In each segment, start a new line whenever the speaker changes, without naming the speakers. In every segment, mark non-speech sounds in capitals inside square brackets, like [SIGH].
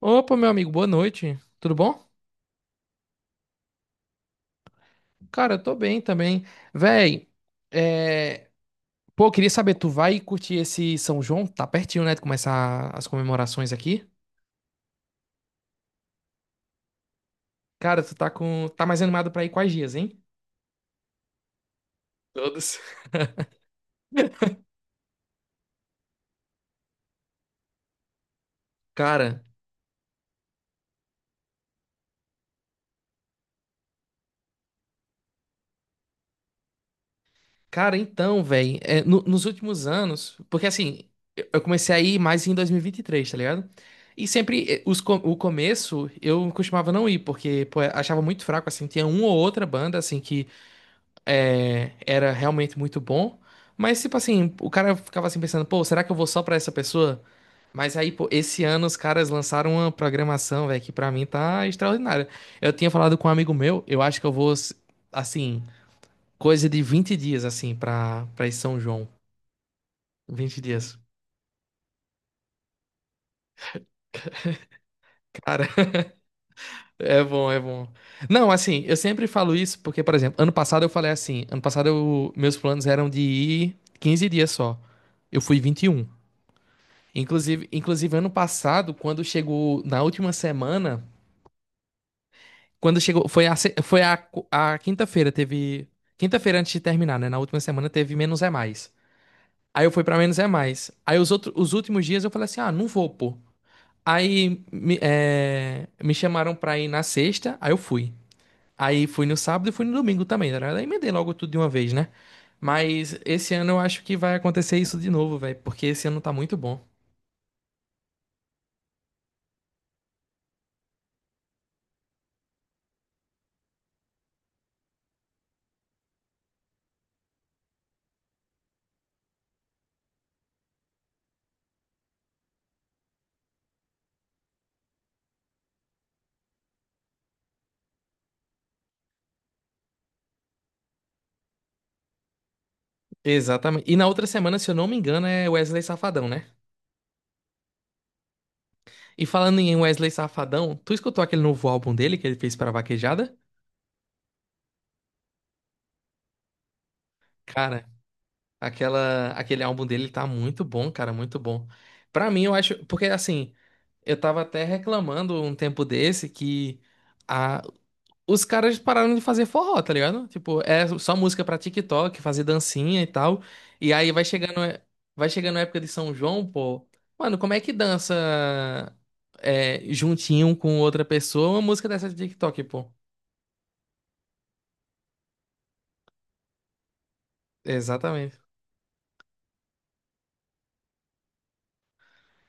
Opa, meu amigo, boa noite. Tudo bom? Cara, eu tô bem também. Véi, é... pô, queria saber, tu vai curtir esse São João? Tá pertinho, né, de começar as comemorações aqui. Cara, tá mais animado pra ir quais dias, hein? Todos. Cara, cara, então, véi, nos últimos anos, porque assim, eu comecei a ir mais em dois mil e vinte e três, tá ligado? E sempre o começo eu costumava não ir, porque pô, eu achava muito fraco, assim, tinha uma ou outra banda, assim, era realmente muito bom. Mas, tipo assim, o cara ficava assim pensando, pô, será que eu vou só pra essa pessoa? Mas aí, pô, esse ano os caras lançaram uma programação, velho, que pra mim tá extraordinária. Eu tinha falado com um amigo meu, eu acho que eu vou, assim, coisa de 20 dias, assim, pra ir São João. 20 dias. Cara, [LAUGHS] é bom, é bom. Não, assim, eu sempre falo isso porque, por exemplo, ano passado eu falei assim, ano passado meus planos eram de ir 15 dias só. Eu fui 21. Inclusive, ano passado, quando chegou na última semana, quando chegou, foi a, se- foi a, qu- a quinta-feira teve. Quinta-feira antes de terminar, né? Na última semana teve menos é mais. Aí eu fui pra menos é mais. Aí os outros, os últimos dias eu falei assim: ah, não vou, pô. Aí me chamaram pra ir na sexta, aí eu fui. Aí fui no sábado e fui no domingo também, tá ligado? Aí emendei logo tudo de uma vez, né? Mas esse ano eu acho que vai acontecer isso de novo, velho, porque esse ano tá muito bom. Exatamente. E na outra semana, se eu não me engano, é Wesley Safadão, né? E falando em Wesley Safadão, tu escutou aquele novo álbum dele que ele fez pra Vaquejada? Cara, aquele álbum dele tá muito bom, cara, muito bom. Pra mim, eu acho, porque assim, eu tava até reclamando um tempo desse que os caras pararam de fazer forró, tá ligado? Tipo, é só música pra TikTok, fazer dancinha e tal. E aí vai chegando a época de São João, pô. Mano, como é que dança juntinho um com outra pessoa uma música dessa de TikTok, pô? Exatamente.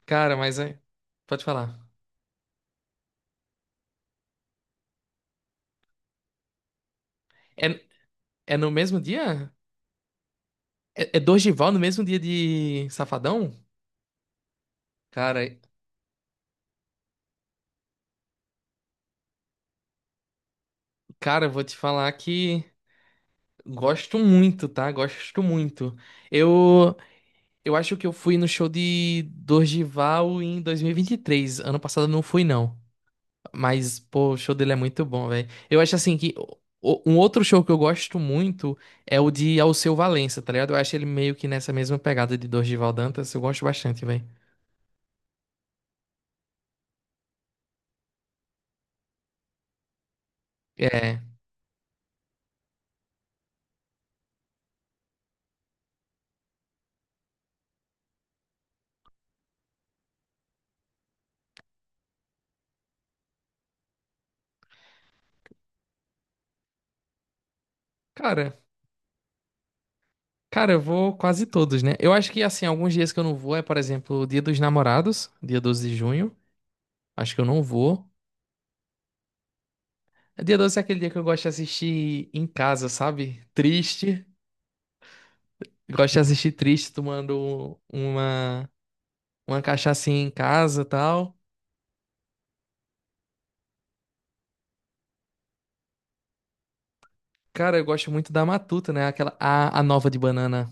Cara, mas é. Pode falar. É, é no mesmo dia? É, é Dorgival no mesmo dia de Safadão? Cara, eu vou te falar que gosto muito, tá? Gosto muito. Eu. Eu acho que eu fui no show de Dorgival em dois mil e vinte e três. Ano passado eu não fui, não. Mas, pô, o show dele é muito bom, velho. Eu acho assim que um outro show que eu gosto muito é o de Alceu Valença, tá ligado? Eu acho ele meio que nessa mesma pegada de Dorgival Dantas. Eu gosto bastante, velho. É. Cara, eu vou quase todos, né? Eu acho que, assim, alguns dias que eu não vou é, por exemplo, o Dia dos Namorados, dia 12 de junho. Acho que eu não vou. Dia 12 é aquele dia que eu gosto de assistir em casa, sabe? Triste. Gosto de assistir triste tomando uma cachaçinha em casa e tal. Cara, eu gosto muito da Matuta, né? A nova de banana.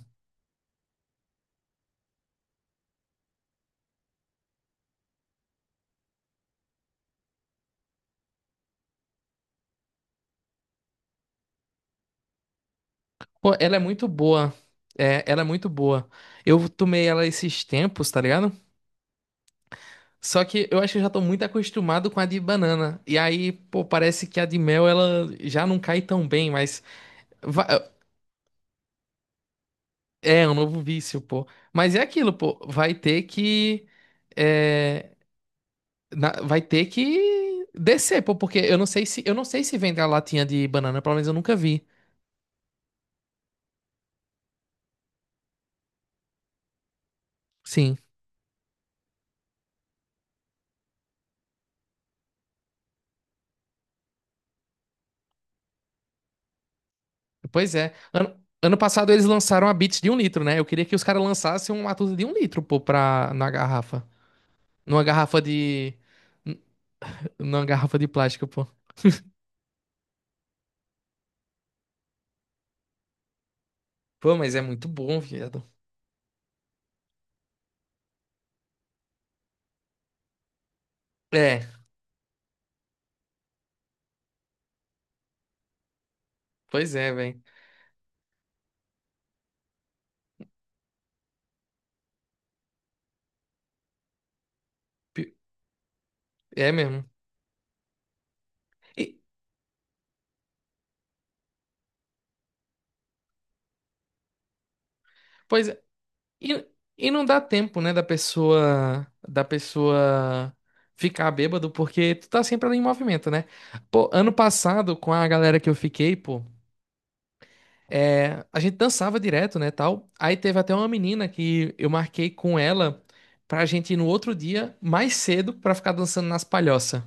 Pô, ela é muito boa. É, ela é muito boa. Eu tomei ela esses tempos, tá ligado? Só que eu acho que eu já tô muito acostumado com a de banana. E aí, pô, parece que a de mel, ela já não cai tão bem, mas... va- É, é um novo vício, pô. Mas é aquilo, pô. Vai ter que... é, vai ter que descer, pô, porque eu não sei se vende a latinha de banana, pelo menos eu nunca vi. Sim. Pois é. Ano passado eles lançaram a Beats de 1 litro, né? Eu queria que os caras lançassem uma Matuza de 1 litro, pô, na garrafa. Numa garrafa de. n- Numa garrafa de plástico, pô. Pô, mas é muito bom, viado. É, pois é, velho. É mesmo. E, pois é, E, e não dá tempo, né, da pessoa ficar bêbado, porque tu tá sempre ali em movimento, né? Pô, ano passado, com a galera que eu fiquei, pô, a gente dançava direto, né, tal. Aí teve até uma menina que eu marquei com ela pra gente ir no outro dia, mais cedo, pra ficar dançando nas palhoças.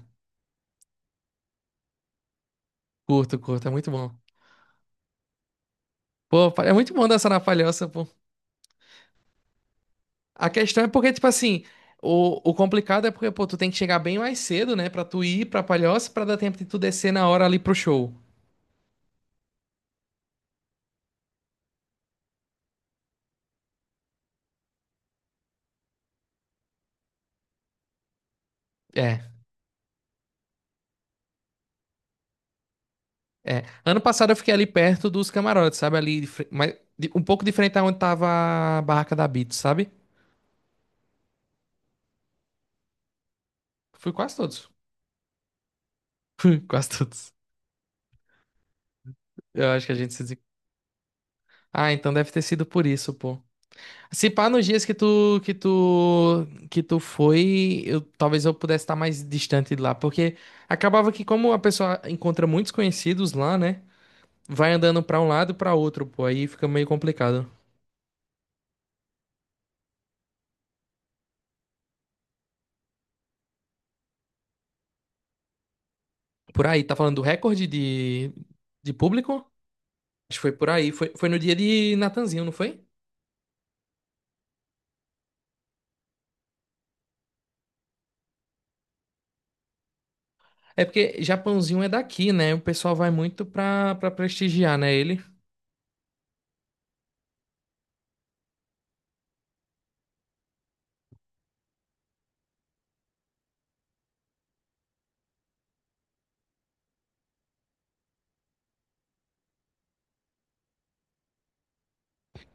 Curto, curto, é muito bom. Pô, é muito bom dançar na palhoça, pô. A questão é porque, tipo assim, o complicado é porque, pô, tu tem que chegar bem mais cedo, né? Pra tu ir pra Palhoça, pra dar tempo de tu descer na hora ali pro show. É, é. Ano passado eu fiquei ali perto dos camarotes, sabe? Ali, de fre- mas de- um pouco diferente aonde tava a barraca da Beats, sabe? Fui quase todos. [LAUGHS] Fui quase todos. Eu acho que a gente se... des- Ah, então deve ter sido por isso, pô. Se pá, nos dias que tu foi, eu talvez eu pudesse estar mais distante de lá, porque acabava que como a pessoa encontra muitos conhecidos lá, né? Vai andando pra um lado e pra outro, pô, aí fica meio complicado. Por aí, tá falando do recorde de público? Acho que foi por aí, foi no dia de Natanzinho, não foi? É porque Japãozinho é daqui, né? O pessoal vai muito pra prestigiar, né, ele.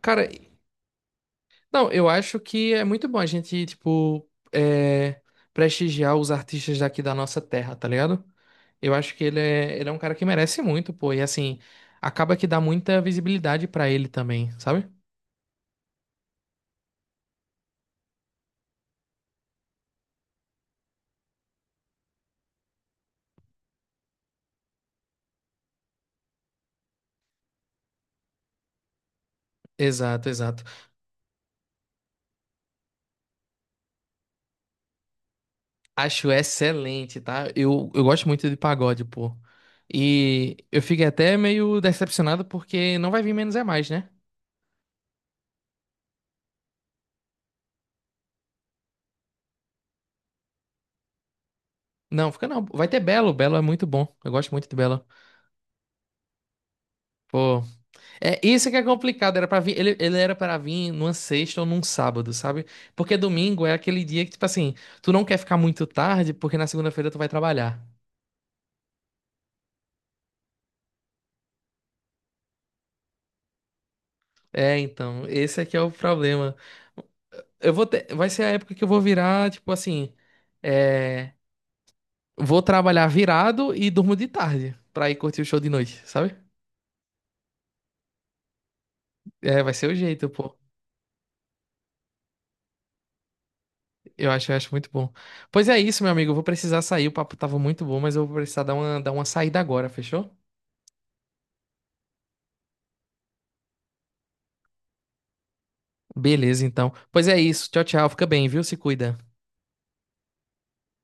Cara, não, eu acho que é muito bom a gente, tipo, prestigiar os artistas daqui da nossa terra, tá ligado? Eu acho que ele é um cara que merece muito, pô. E assim, acaba que dá muita visibilidade pra ele também, sabe? Exato, exato. Acho excelente, tá? Eu gosto muito de pagode, pô. E eu fiquei até meio decepcionado porque não vai vir Menos é Mais, né? Não, fica não. Vai ter Belo. Belo é muito bom. Eu gosto muito de Belo. Pô. É, isso é que é complicado, era para vir, ele era para vir numa sexta ou num sábado, sabe? Porque domingo é aquele dia que, tipo assim, tu não quer ficar muito tarde, porque na segunda-feira tu vai trabalhar. É, então, esse aqui é o problema. Vai ser a época que eu vou virar, tipo assim, é, vou trabalhar virado e durmo de tarde pra ir curtir o show de noite, sabe? É, vai ser o jeito, pô. Eu acho muito bom. Pois é isso, meu amigo, eu vou precisar sair, o papo tava muito bom, mas eu vou precisar dar uma saída agora, fechou? Beleza, então. Pois é isso. Tchau, tchau. Fica bem, viu? Se cuida.